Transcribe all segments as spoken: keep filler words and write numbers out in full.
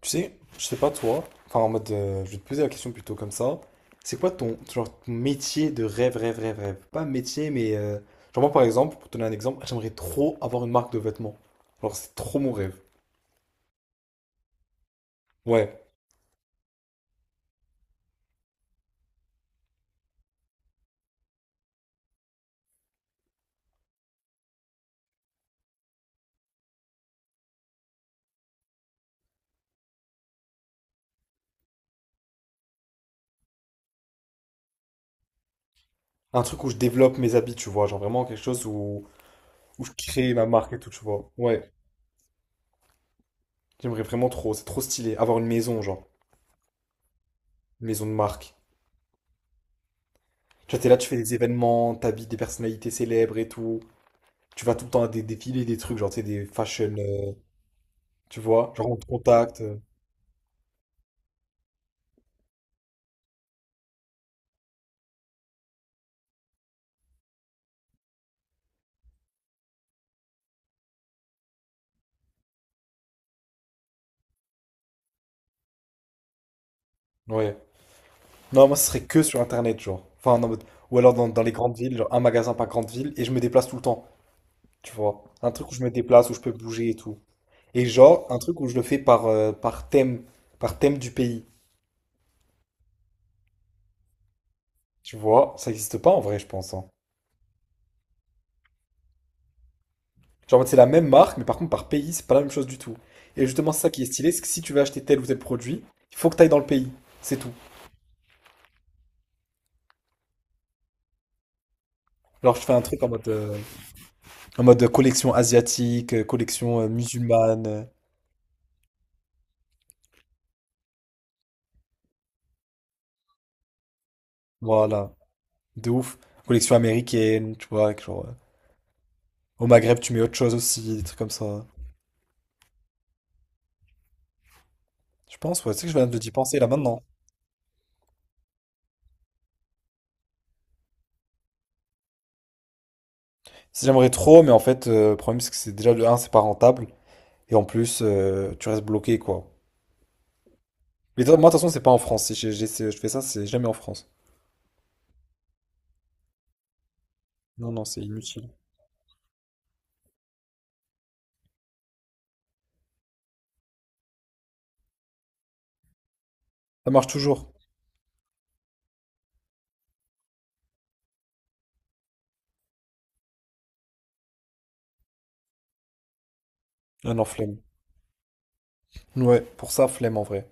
Tu sais, je sais pas toi, enfin en mode, euh, je vais te poser la question plutôt comme ça. C'est quoi ton, genre, ton métier de rêve, rêve, rêve, rêve? Pas métier, mais euh, genre moi par exemple, pour te donner un exemple, j'aimerais trop avoir une marque de vêtements. Genre c'est trop mon rêve. Ouais, un truc où je développe mes habits, tu vois, genre vraiment quelque chose où, où je crée ma marque et tout, tu vois. Ouais, j'aimerais vraiment trop, c'est trop stylé, avoir une maison, genre, une maison de marque. Tu vois, t'es là, tu fais des événements, t'habites des personnalités célèbres et tout. Tu vas tout le temps à des défilés, des trucs, genre, tu sais, des fashion, euh, tu vois, genre on te contacte. euh, Ouais. Non, moi ce serait que sur internet, genre. Enfin, en mode, ou alors dans, dans les grandes villes, genre un magasin par grande ville, et je me déplace tout le temps. Tu vois. Un truc où je me déplace, où je peux bouger et tout. Et genre, un truc où je le fais par, euh, par thème, par thème du pays. Tu vois, ça n'existe pas en vrai, je pense, hein. Genre, en mode, c'est la même marque, mais par contre, par pays, c'est pas la même chose du tout. Et justement, c'est ça qui est stylé, c'est que si tu veux acheter tel ou tel produit, il faut que tu ailles dans le pays. C'est tout. Alors je fais un truc en mode, euh, en mode collection asiatique, euh, collection euh, musulmane. Euh, Voilà. De ouf. Collection américaine, tu vois, avec genre. euh, Au Maghreb, tu mets autre chose aussi, des trucs comme ça. Je pense, ouais, tu sais que je viens de d'y penser là maintenant. Si j'aimerais trop, mais en fait, euh, le problème c'est que c'est déjà de un c'est pas rentable. Et en plus, euh, tu restes bloqué, quoi. Mais toi- moi, de toute façon, c'est pas en France. Si j'ai- j'ai- c'est- Je fais ça, c'est jamais en France. Non, non, c'est inutile. Ça marche toujours. Non, non, flemme. Ouais, pour ça, flemme en vrai.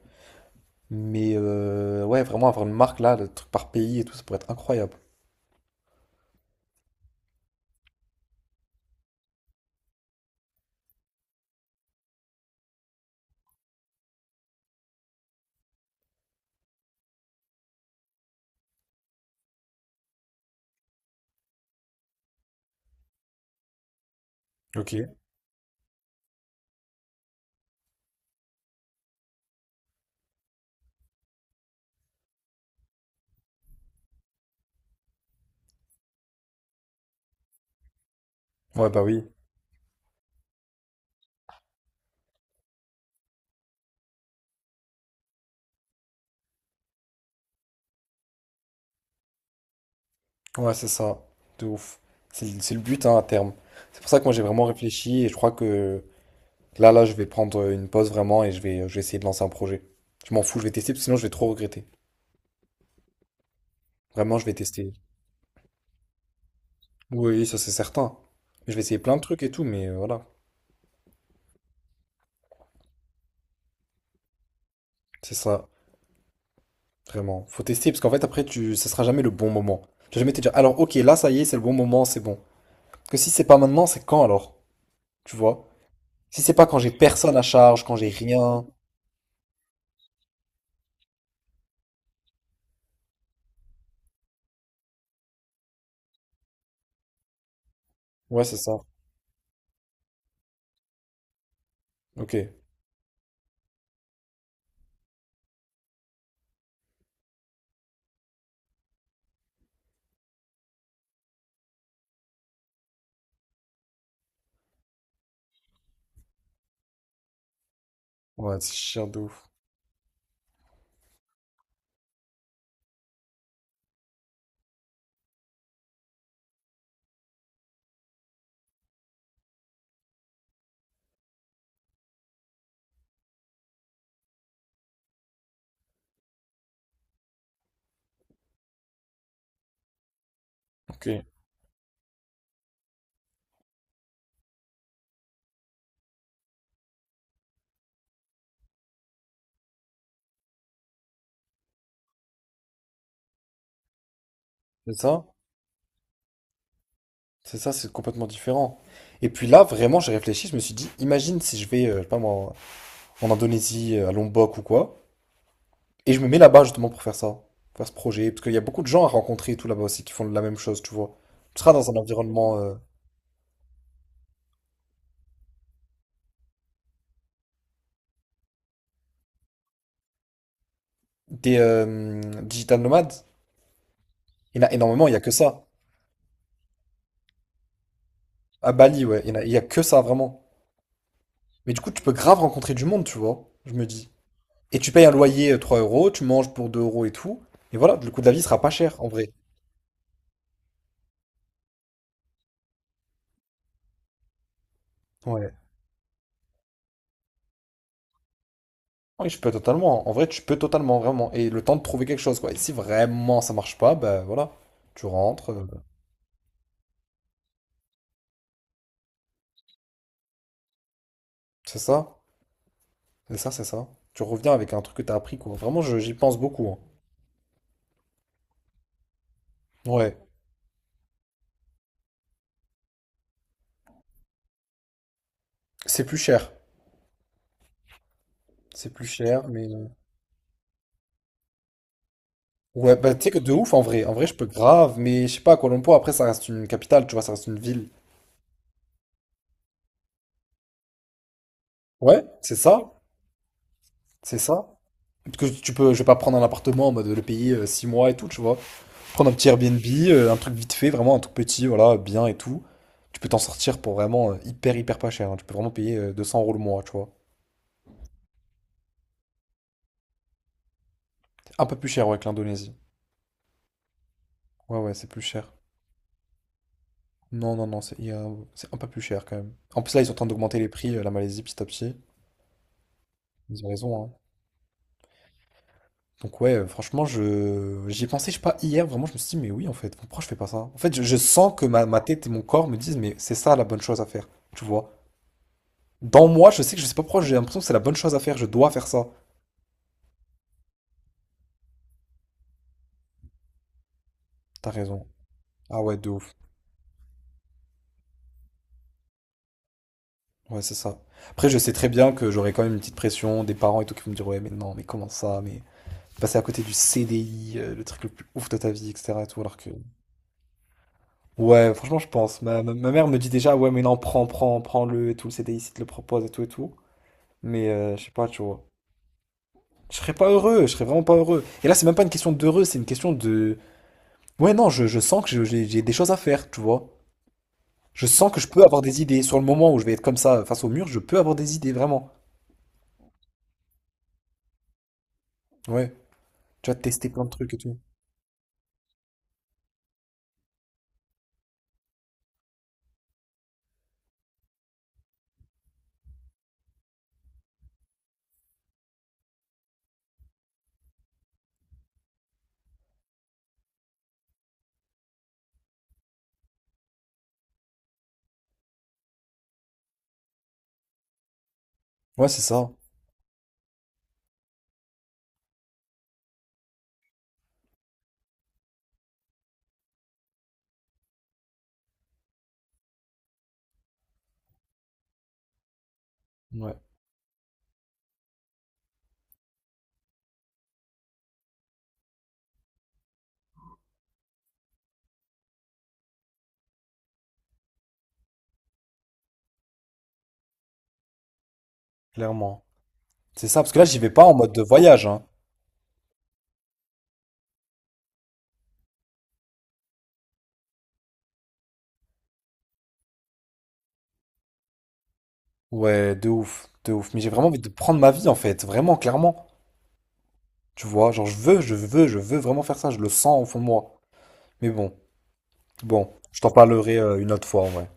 Mais euh, ouais, vraiment avoir une marque là, le truc par pays et tout, ça pourrait être incroyable. Ok. Ouais, bah oui. Ouais, c'est ça, de ouf. C'est le, c'est le but, hein, à terme. C'est pour ça que moi j'ai vraiment réfléchi et je crois que là, là, je vais prendre une pause vraiment et je vais, je vais essayer de lancer un projet. Je m'en fous, je vais tester, parce que sinon je vais trop regretter. Vraiment, je vais tester. Oui, ça c'est certain. Je vais essayer plein de trucs et tout, mais euh, voilà, c'est ça, vraiment. Faut tester, parce qu'en fait après, tu, ça sera jamais le bon moment. Tu vas jamais te dire, alors ok, là ça y est, c'est le bon moment, c'est bon. Parce que si c'est pas maintenant, c'est quand alors? Tu vois? Si c'est pas quand j'ai personne à charge, quand j'ai rien. Ouais, c'est ça. Ok. Ouais, c'est chiant de ouf. Ok. C'est ça, c'est ça, c'est complètement différent. Et puis là, vraiment, j'ai réfléchi, je me suis dit, imagine si je vais, euh, je sais pas moi, en Indonésie, euh, à Lombok ou quoi, et je me mets là-bas justement pour faire ça, pour faire ce projet, parce qu'il y a beaucoup de gens à rencontrer et tout là-bas aussi qui font la même chose, tu vois. Tu seras dans un environnement euh, des euh, digital nomades, il y en a énormément, il y a que ça. À Bali, ouais, il y en a, il y a que ça vraiment. Mais du coup, tu peux grave rencontrer du monde, tu vois, je me dis. Et tu payes un loyer euh, trois euros, tu manges pour deux euros et tout, et voilà, le coût de la vie sera pas cher en vrai. Ouais. Oui, je peux totalement. En vrai, tu peux totalement, vraiment. Et le temps de trouver quelque chose, quoi. Et si vraiment ça marche pas, ben voilà. Tu rentres. Euh, c'est ça. C'est ça, c'est ça. Tu reviens avec un truc que t'as appris, quoi. Vraiment, je- j'y pense beaucoup, hein. Ouais. C'est plus cher. C'est plus cher, mais. euh, Ouais, bah tu sais que de ouf en vrai. En vrai, je peux grave, mais je sais pas, à Kuala Lumpur, après, ça reste une capitale, tu vois, ça reste une ville. Ouais, c'est ça. C'est ça. Parce que tu peux, je vais pas prendre un appartement en mode le payer euh, six mois et tout, tu vois. Prendre un petit Airbnb, euh, un truc vite fait, vraiment un truc petit, voilà, bien et tout. Tu peux t'en sortir pour vraiment euh, hyper, hyper pas cher, hein. Tu peux vraiment payer euh, deux cents euros le mois, tu vois. Un peu plus cher, ouais, que l'Indonésie. Ouais, ouais, c'est plus cher. Non, non, non, c'est il y a- C'est un peu plus cher quand même. En plus, là, ils sont en train d'augmenter les prix, euh, la Malaisie, petit à petit. Ils ont raison, hein. Donc, ouais, euh, franchement, je j'y ai pensé, je sais pas, hier, vraiment, je me suis dit, mais oui, en fait, pourquoi je fais pas ça? En fait, je, je sens que ma, ma tête et mon corps me disent, mais c'est ça la bonne chose à faire, tu vois. Dans moi, je sais que je sais pas pourquoi, j'ai l'impression que c'est la bonne chose à faire, je dois faire ça. T'as raison. Ah ouais, de ouf. Ouais, c'est ça. Après, je sais très bien que j'aurai quand même une petite pression des parents et tout qui vont me dire, ouais, mais non, mais comment ça, mais passer à côté du C D I, euh, le truc le plus ouf de ta vie, et cetera et tout, alors que, ouais, franchement, je pense. Ma, ma, ma mère me dit déjà, ouais, mais non, prends, prends, prends-le et tout, le C D I, s'il te le propose et tout et tout. Mais, euh, je sais pas, tu vois. Je serais pas heureux, je serais vraiment pas heureux. Et là, c'est même pas une question d'heureux, c'est une question de, ouais, non, je, je sens que je- j'ai j'ai des choses à faire, tu vois. Je sens que je peux avoir des idées. Sur le moment où je vais être comme ça, face au mur, je peux avoir des idées, vraiment. Ouais. Tu vas tester plein de trucs et tout. Ouais, c'est ça. Ouais, clairement. C'est ça, parce que là, j'y vais pas en mode de voyage, hein. Ouais, de ouf, de ouf. Mais j'ai vraiment envie de prendre ma vie, en fait. Vraiment, clairement. Tu vois, genre, je veux, je veux, je veux vraiment faire ça. Je le sens au fond de moi. Mais bon, bon, je t'en parlerai euh, une autre fois, ouais.